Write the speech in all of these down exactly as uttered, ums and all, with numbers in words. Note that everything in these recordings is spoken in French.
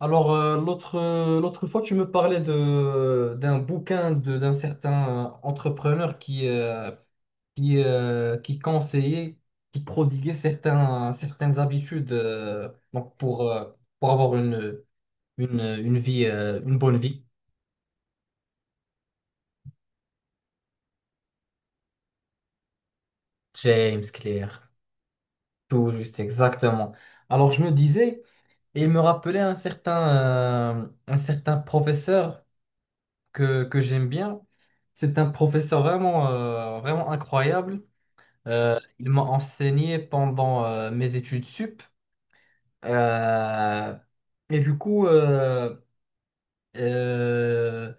Alors, euh, l'autre, euh, l'autre fois, tu me parlais de, d'un bouquin de, d'un certain euh, entrepreneur qui, euh, qui, euh, qui conseillait, qui prodiguait certains, certaines habitudes euh, donc pour, euh, pour avoir une, une, une vie, euh, une bonne vie. James Clear, tout juste exactement. Alors, je me disais, et il me rappelait un certain, euh, un certain professeur que, que j'aime bien. C'est un professeur vraiment, euh, vraiment incroyable. Euh, ils m'ont enseigné pendant euh, mes études sup. Euh, et du coup, euh, euh,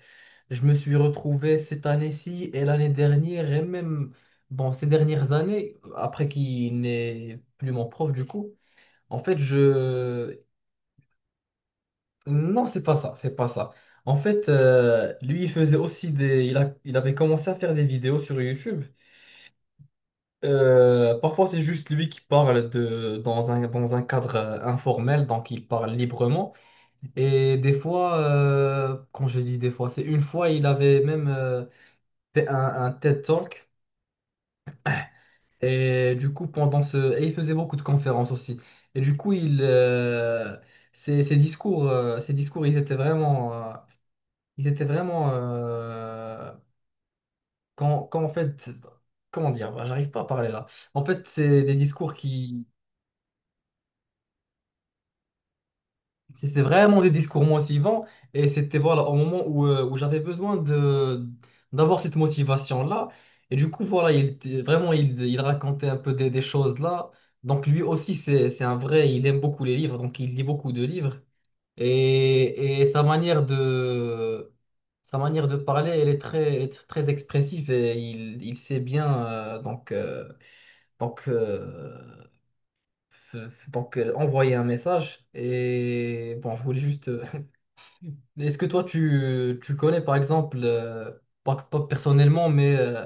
je me suis retrouvé cette année-ci et l'année dernière, et même bon, ces dernières années, après qu'il n'est plus mon prof, du coup, en fait, je... Non, c'est pas ça, c'est pas ça. En fait, euh, lui, il faisait aussi des... Il a- il avait commencé à faire des vidéos sur YouTube. Euh, parfois, c'est juste lui qui parle de, dans un, dans un cadre euh, informel, donc il parle librement. Et des fois, euh, quand je dis des fois, c'est une fois, il avait même euh, fait un, un T E D Talk. Et du coup, pendant ce... Et il faisait beaucoup de conférences aussi. Et du coup, il, euh, ses, ses discours, euh, ses discours, ils étaient vraiment... euh, ils étaient vraiment... euh, quand, quand en fait... Comment dire? Bah, J'arrive pas à parler là. En fait, c'est des discours qui... C'était vraiment des discours motivants, et c'était voilà au moment où, euh, où j'avais besoin de d'avoir cette motivation-là. Et du coup, voilà, il était- vraiment il, il racontait un peu des, des choses là. Donc lui aussi, c'est, c'est un vrai, il aime beaucoup les livres, donc il lit beaucoup de livres. Et, et sa manière de Sa manière de parler, elle est très, elle est très expressive et il, il sait bien euh, donc euh, donc euh, f- f- donc euh, envoyer un message. Et bon, je voulais juste euh, est-ce que toi, tu, tu connais, par exemple, euh, pas, pas personnellement, mais euh,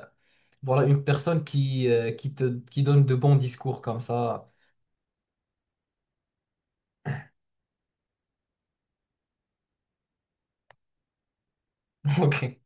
voilà, une personne qui, euh, qui te, qui donne de bons discours comme ça? Ok.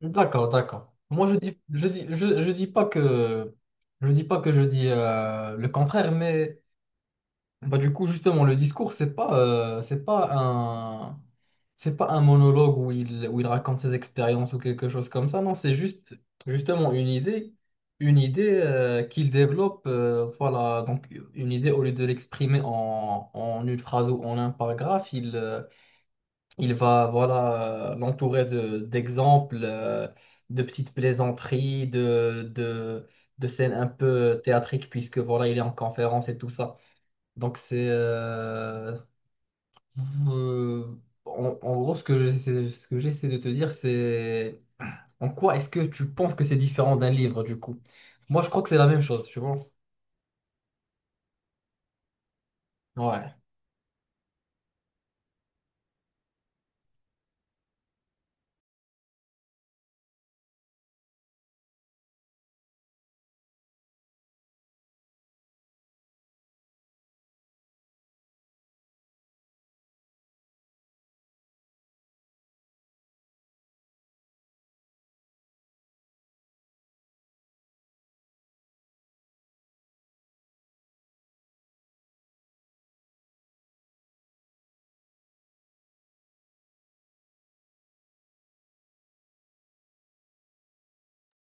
D'accord, d'accord. Moi, je dis, je dis, je, je dis pas que, je dis pas que je dis euh, le contraire, mais... Bah, du coup, justement, le discours, c'est pas, euh, c'est pas un, c'est pas un monologue où il, où il raconte ses expériences ou quelque chose comme ça. Non, c'est juste, justement, une idée, une idée euh, qu'il développe. Euh, voilà, donc une idée au lieu de l'exprimer en, en une phrase ou en un paragraphe, il, euh, il va, voilà, euh, l'entourer de, d'exemples, euh, de petites plaisanteries, de, de, de scènes un peu euh, théâtriques puisque voilà, il est en conférence et tout ça. Donc c'est euh, euh, en, en gros ce que j'essaie, ce que j'essaie de te dire, c'est en quoi est-ce que tu penses que c'est différent d'un livre du coup? Moi je crois que c'est la même chose, tu vois. Ouais.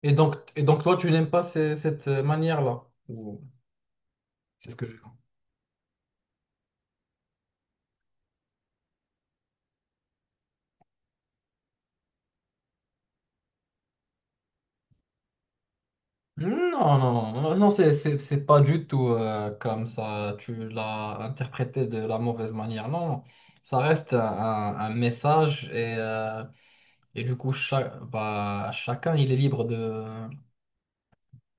Et donc, et donc toi tu n'aimes pas ces- cette euh, manière-là? Ou... C'est ce que je... Non, non, non, non, c'est c'est- c'est pas du tout euh, comme ça. Tu l'as interprété de la mauvaise manière. Non, non. Ça reste un, un- un message et euh, et du coup, cha- bah, chacun, il est libre de,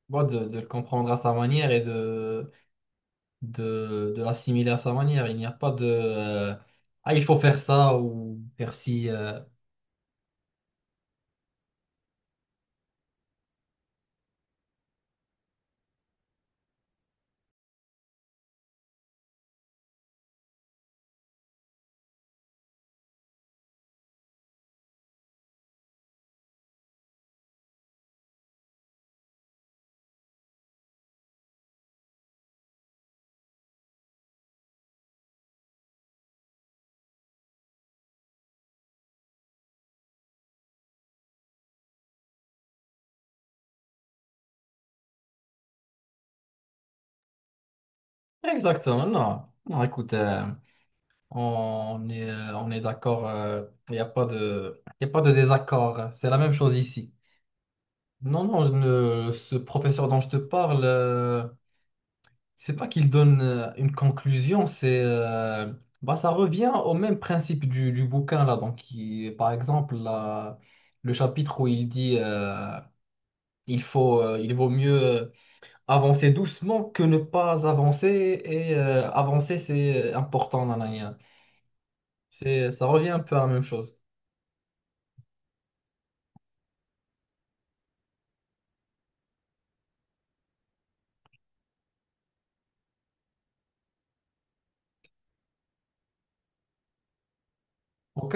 bon, de, de le comprendre à sa manière et de, de, de l'assimiler à sa manière. Il n'y a pas de euh, Ah, il faut faire ça ou faire ci. euh. Exactement, non. Non, écoute, euh, on est, euh, on est d'accord. euh, Il n'y a pas de, il n'y a pas de désaccord. C'est la même chose ici. Non, non, je ne- ce professeur dont je te parle. euh, C'est pas qu'il donne euh, une conclusion, c'est euh, bah, ça revient au même principe du, du bouquin là. Donc, il- par exemple, la- le chapitre où il dit euh, il faut, euh, il vaut mieux euh, avancer doucement que ne pas avancer et euh, avancer c'est euh, important. Nan, nan, nan. C'est, ça revient un peu à la même chose. Ok?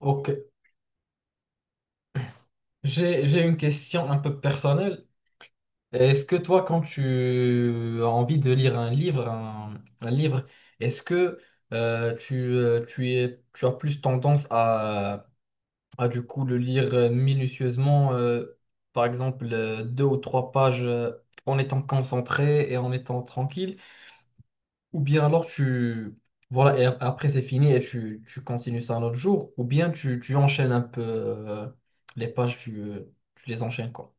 Ok. J'ai, j'ai une question un peu personnelle. Est-ce que toi, quand tu euh, as envie de lire un livre, un, un livre, est-ce que euh, tu, euh, tu es, tu as plus tendance à, à du coup le lire euh, minutieusement, euh, par exemple euh, deux ou trois pages euh, en étant concentré et en étant tranquille, ou bien alors tu voilà et a- après c'est fini et tu, tu continues ça un autre jour, ou bien tu, tu enchaînes un peu euh, les pages, tu, tu les enchaînes quoi.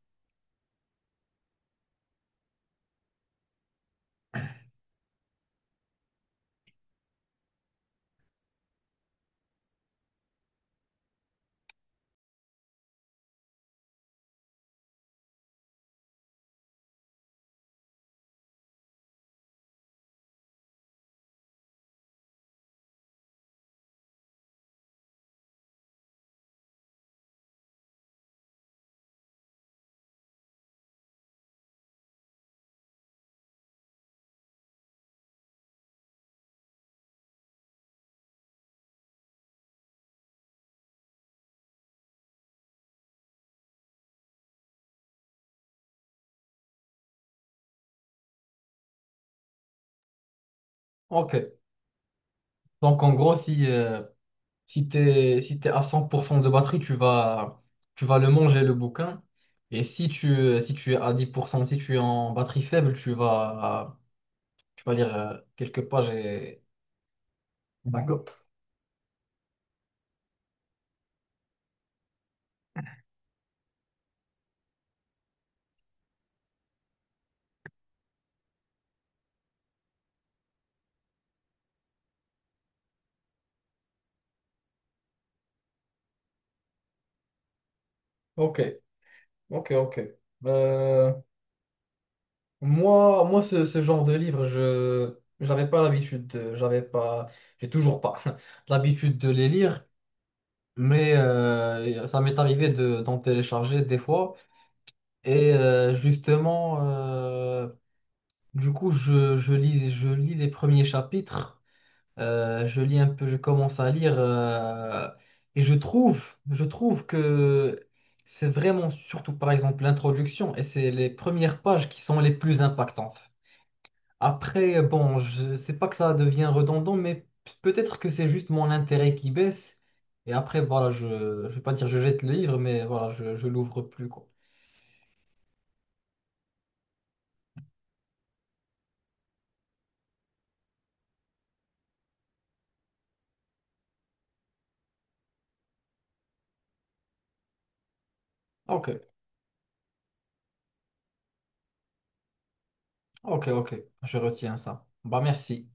Ok, donc en gros si euh, Si tu es, si t'es à cent pour cent de batterie, tu vas, tu vas le manger, le bouquin. Et si tu, si tu es à dix pour cent, si tu es en batterie faible, tu vas, tu vas lire euh, quelques pages et... D'accord. Ok, ok, ok. Euh, moi, moi ce, ce genre de livre, je j'avais pas l'habitude de, j'avais pas, j'ai toujours pas l'habitude de les lire, mais euh, ça m'est arrivé de, d'en télécharger des fois. Et euh, justement, euh, du coup, je, je lis, je lis les premiers chapitres, euh, je lis un peu, je commence à lire, euh, et je trouve, je trouve que c'est vraiment surtout par exemple l'introduction, et c'est les premières pages qui sont les plus impactantes. Après, bon, je sais pas que ça devient redondant, mais p- peut-être que c'est juste mon intérêt qui baisse, et après, voilà, je, je vais pas dire je jette le livre, mais voilà, je, je l'ouvre plus, quoi. Ok, ok, ok, je retiens ça. Bah merci.